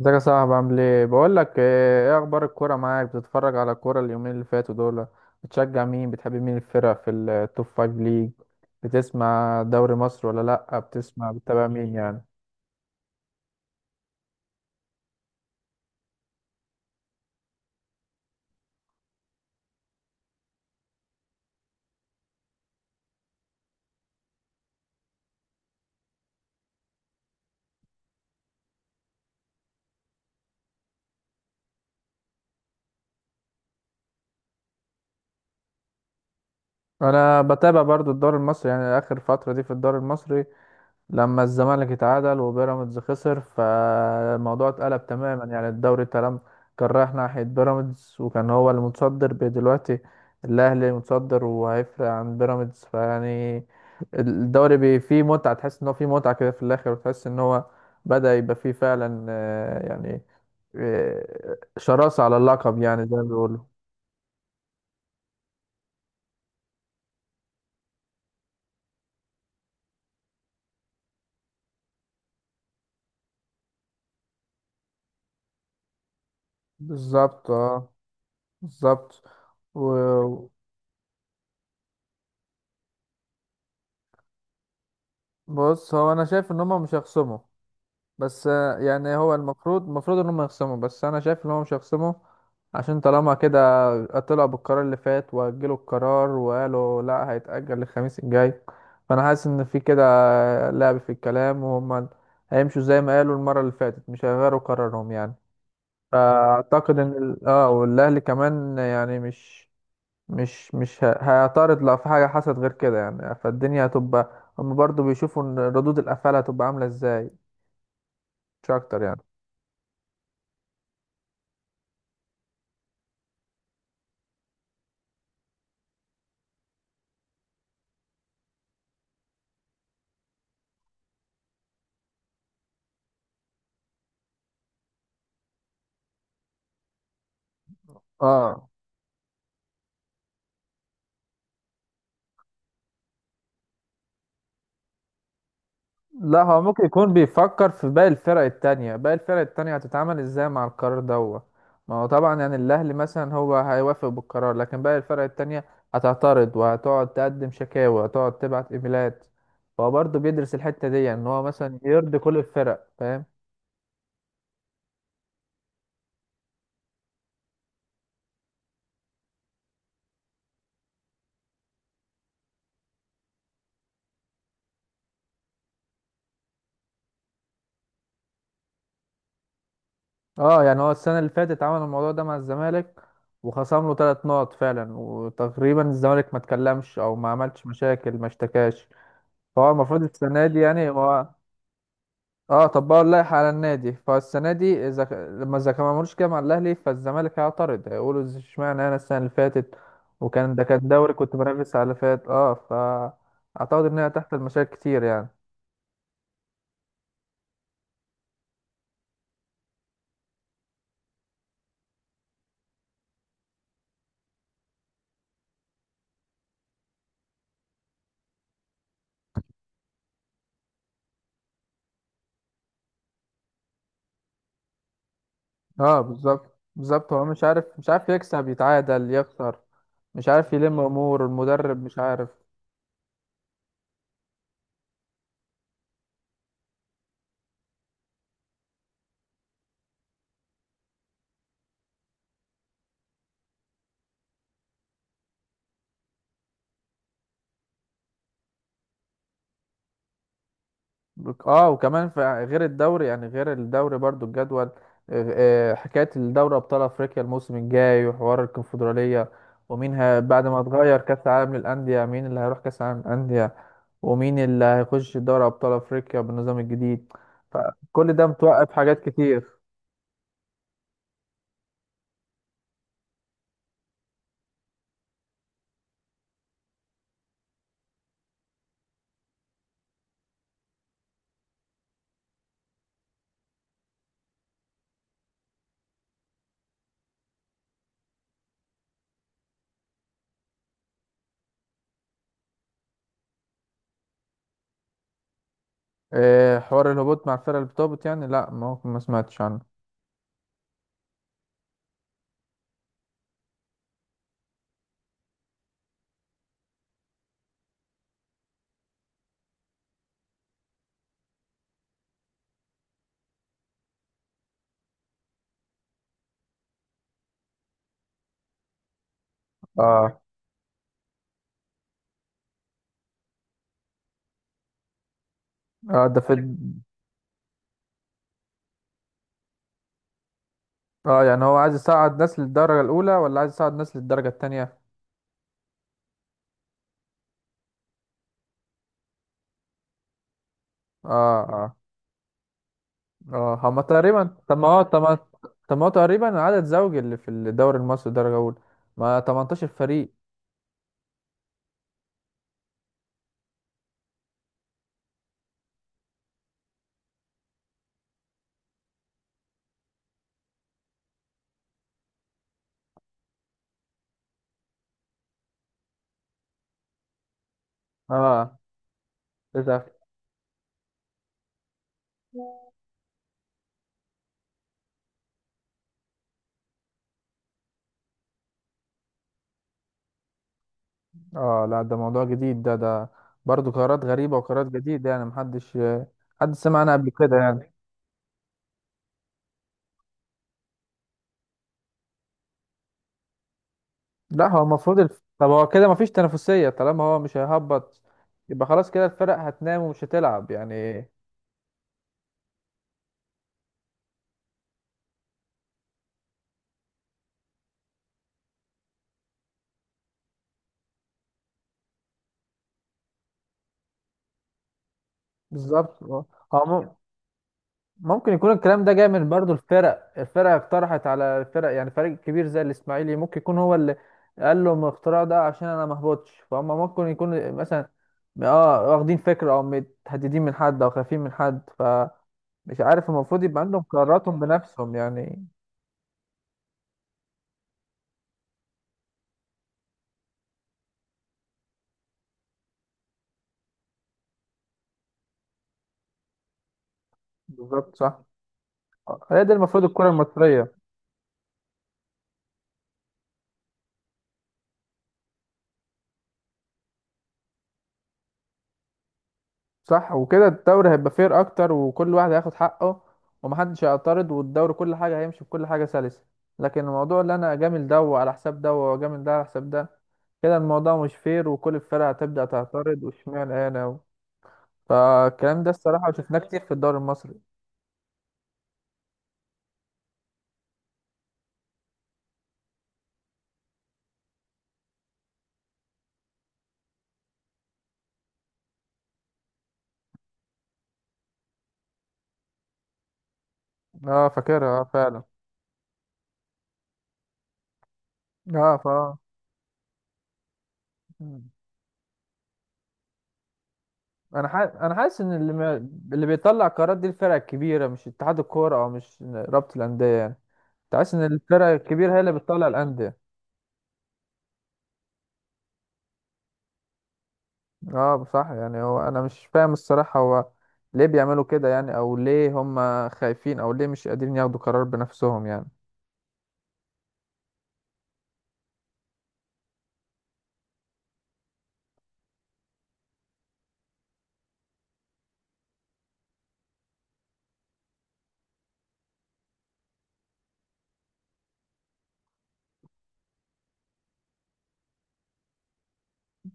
ازيك يا صاحبي؟ عامل ايه؟ بقول لك ايه، إيه اخبار الكوره معاك؟ بتتفرج على الكوره اليومين اللي فاتوا دول؟ بتشجع مين، بتحب مين الفرق في التوب فايف ليج؟ بتسمع دوري مصر ولا لا، بتسمع بتتابع مين انا بتابع برضو الدوري المصري، يعني اخر فتره دي في الدوري المصري لما الزمالك اتعادل وبيراميدز خسر، فالموضوع اتقلب تماما. يعني الدوري تمام كان رايح ناحية بيراميدز وكان هو المتصدر، دلوقتي الأهلي متصدر وهيفرق عن بيراميدز. الدوري فيه متعة، تحس إن هو فيه متعة كده في الآخر، وتحس إن هو بدأ يبقى فيه فعلا، يعني شراسة على اللقب، يعني زي ما بيقولوا. بالظبط، اه بالظبط. وبص، هو أنا شايف إن هما مش هيخصموا. بس يعني هو المفروض ان هم يخصموا، بس انا شايف ان هم مش هيخصموا. عشان طالما كده طلعوا بالقرار اللي فات، واجلوا القرار وقالوا لا، هيتأجل للخميس الجاي. فانا حاسس ان في كده لعب في الكلام، وهم هيمشوا زي ما قالوا المرة اللي فاتت، مش هيغيروا قرارهم يعني. فاعتقد ان والاهلي كمان يعني مش هيعترض لو في حاجة حصلت غير كده يعني. فالدنيا هتبقى هم برضو بيشوفوا ان ردود الافعال هتبقى عاملة ازاي، مش اكتر يعني. اه، لا هو ممكن يكون بيفكر في باقي الفرق التانية، باقي الفرق التانية هتتعامل ازاي مع القرار دوت. ما هو طبعا يعني الأهلي مثلا هو هيوافق بالقرار، لكن باقي الفرق التانية هتعترض وهتقعد تقدم شكاوى وهتقعد تبعت ايميلات. فهو برضه بيدرس الحتة دي، ان هو مثلا يرضي كل الفرق، فاهم. اه يعني هو السنة اللي فاتت عمل الموضوع ده مع الزمالك وخصم له ثلاث نقط فعلا، وتقريبا الزمالك ما اتكلمش او ما عملش مشاكل، ما اشتكاش. فهو المفروض السنة دي يعني هو، اه طبقوا اللائحة على النادي. فالسنة دي إذا لما إذا ما عملوش كده مع الأهلي، فالزمالك هيعترض هيقولوا اشمعنى أنا السنة اللي فاتت، وكان ده كان دوري كنت بنافس على اللي فات. اه فأعتقد إن هي تحت المشاكل كتير يعني. اه بالظبط، بالظبط هو مش عارف، مش عارف يكسب يتعادل يخسر، مش عارف يلم أمور المدرب، مش عارف. وكمان في غير الدوري، يعني غير الدوري برضو الجدول حكاية الدوري أبطال أفريقيا الموسم الجاي، وحوار الكونفدرالية. ومين بعد ما اتغير كأس العالم للأندية، مين اللي هيروح كأس العالم للأندية، ومين اللي هيخش دوري أبطال أفريقيا بالنظام الجديد. فكل ده متوقف حاجات كتير. حوار الهبوط مع الفرق اللي بتهبط يعني؟ لا ما هو، ما سمعتش عنه. اه، اه ده في اه يعني هو عايز يصعد ناس للدرجة الأولى ولا عايز يصعد ناس للدرجة التانية؟ اه، اه هما تقريبا، طب ما هو، طب ما، طب ما هو تقريبا عدد زوجي اللي في الدوري المصري درجة أولى، ما 18 فريق. اه للأسف. اه لا، ده موضوع جديد، ده برضه قرارات غريبة وقرارات جديدة يعني، محدش حد سمع عنها قبل كده يعني. لا هو المفروض طب هو كده مفيش تنافسية طالما هو مش هيهبط، يبقى خلاص كده الفرق هتنام ومش هتلعب يعني. بالظبط اه. هو ممكن يكون الكلام ده جاي من برضو الفرق، الفرق اقترحت على الفرق يعني، فريق كبير زي الاسماعيلي ممكن يكون هو اللي قال لهم الاختراع ده عشان انا ما اهبطش، فهم ممكن يكون مثلا اه واخدين فكرة او متهددين من حد او خايفين من حد، فمش عارف. المفروض يبقى عندهم قراراتهم بنفسهم يعني. بالظبط صح. هي دي المفروض الكرة المصرية. صح، وكده الدوري هيبقى فير اكتر، وكل واحد هياخد حقه، ومحدش هيعترض، والدوري كل حاجه هيمشي بكل حاجه سلسه. لكن الموضوع اللي انا اجامل ده على حساب ده، واجامل ده على حساب ده، كده الموضوع مش فير، وكل الفرق هتبدا تعترض واشمعنى انا فالكلام ده الصراحه شفناه كتير في الدوري المصري. اه فاكرها اه فعلا. اه مم. انا حاسس، انا حاسس ان اللي ما... اللي بيطلع قرارات دي الفرق الكبيره، مش اتحاد الكوره او مش رابطه الانديه يعني. تحس ان الفرق الكبيره هي اللي بتطلع الانديه. اه صح، يعني هو انا مش فاهم الصراحة، هو ليه بيعملوا كده يعني، او ليه هم خايفين، او ليه مش قادرين ياخدوا قرار بنفسهم يعني.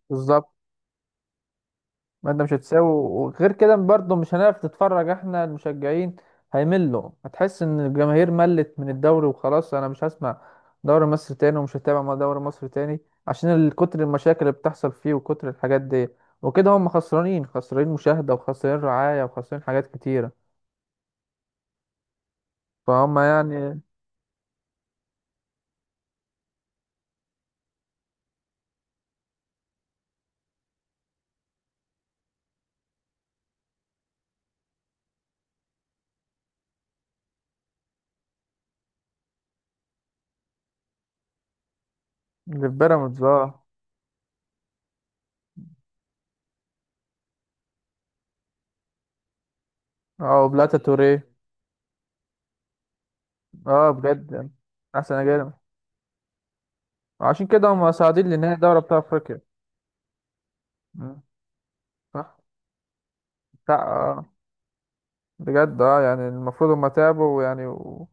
بالظبط. ما انت مش هتساوي، وغير كده برضه مش هنعرف نتفرج احنا المشجعين، هيملوا. هتحس ان الجماهير ملت من الدوري، وخلاص انا مش هسمع دوري مصر تاني، ومش هتابع مع دوري مصر تاني، عشان كتر المشاكل اللي بتحصل فيه وكتر الحاجات دي. وكده هم خسرانين، خسرانين مشاهدة وخسرانين رعاية وخسرانين حاجات كتيرة. فهم يعني. اللي في بيراميدز اه. اه بلاتا توريه. اه بجد يعني، احسن اجانب. عشان كده هم صاعدين لنهائي دوري ابطال افريقيا. مم. صح. لا اه، بجد اه يعني المفروض هم تعبوا يعني،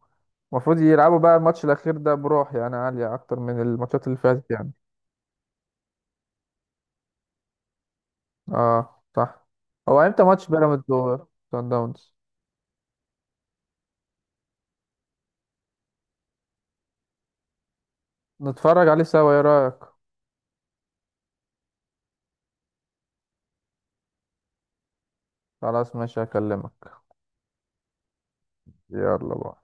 المفروض يلعبوا بقى الماتش الاخير ده بروح يعني عالية اكتر من الماتشات اللي فاتت يعني. اه صح. هو امتى ماتش بيراميدز وصن داونز؟ نتفرج عليه سوا، ايه رايك؟ خلاص ماشي، هكلمك. يلا بقى.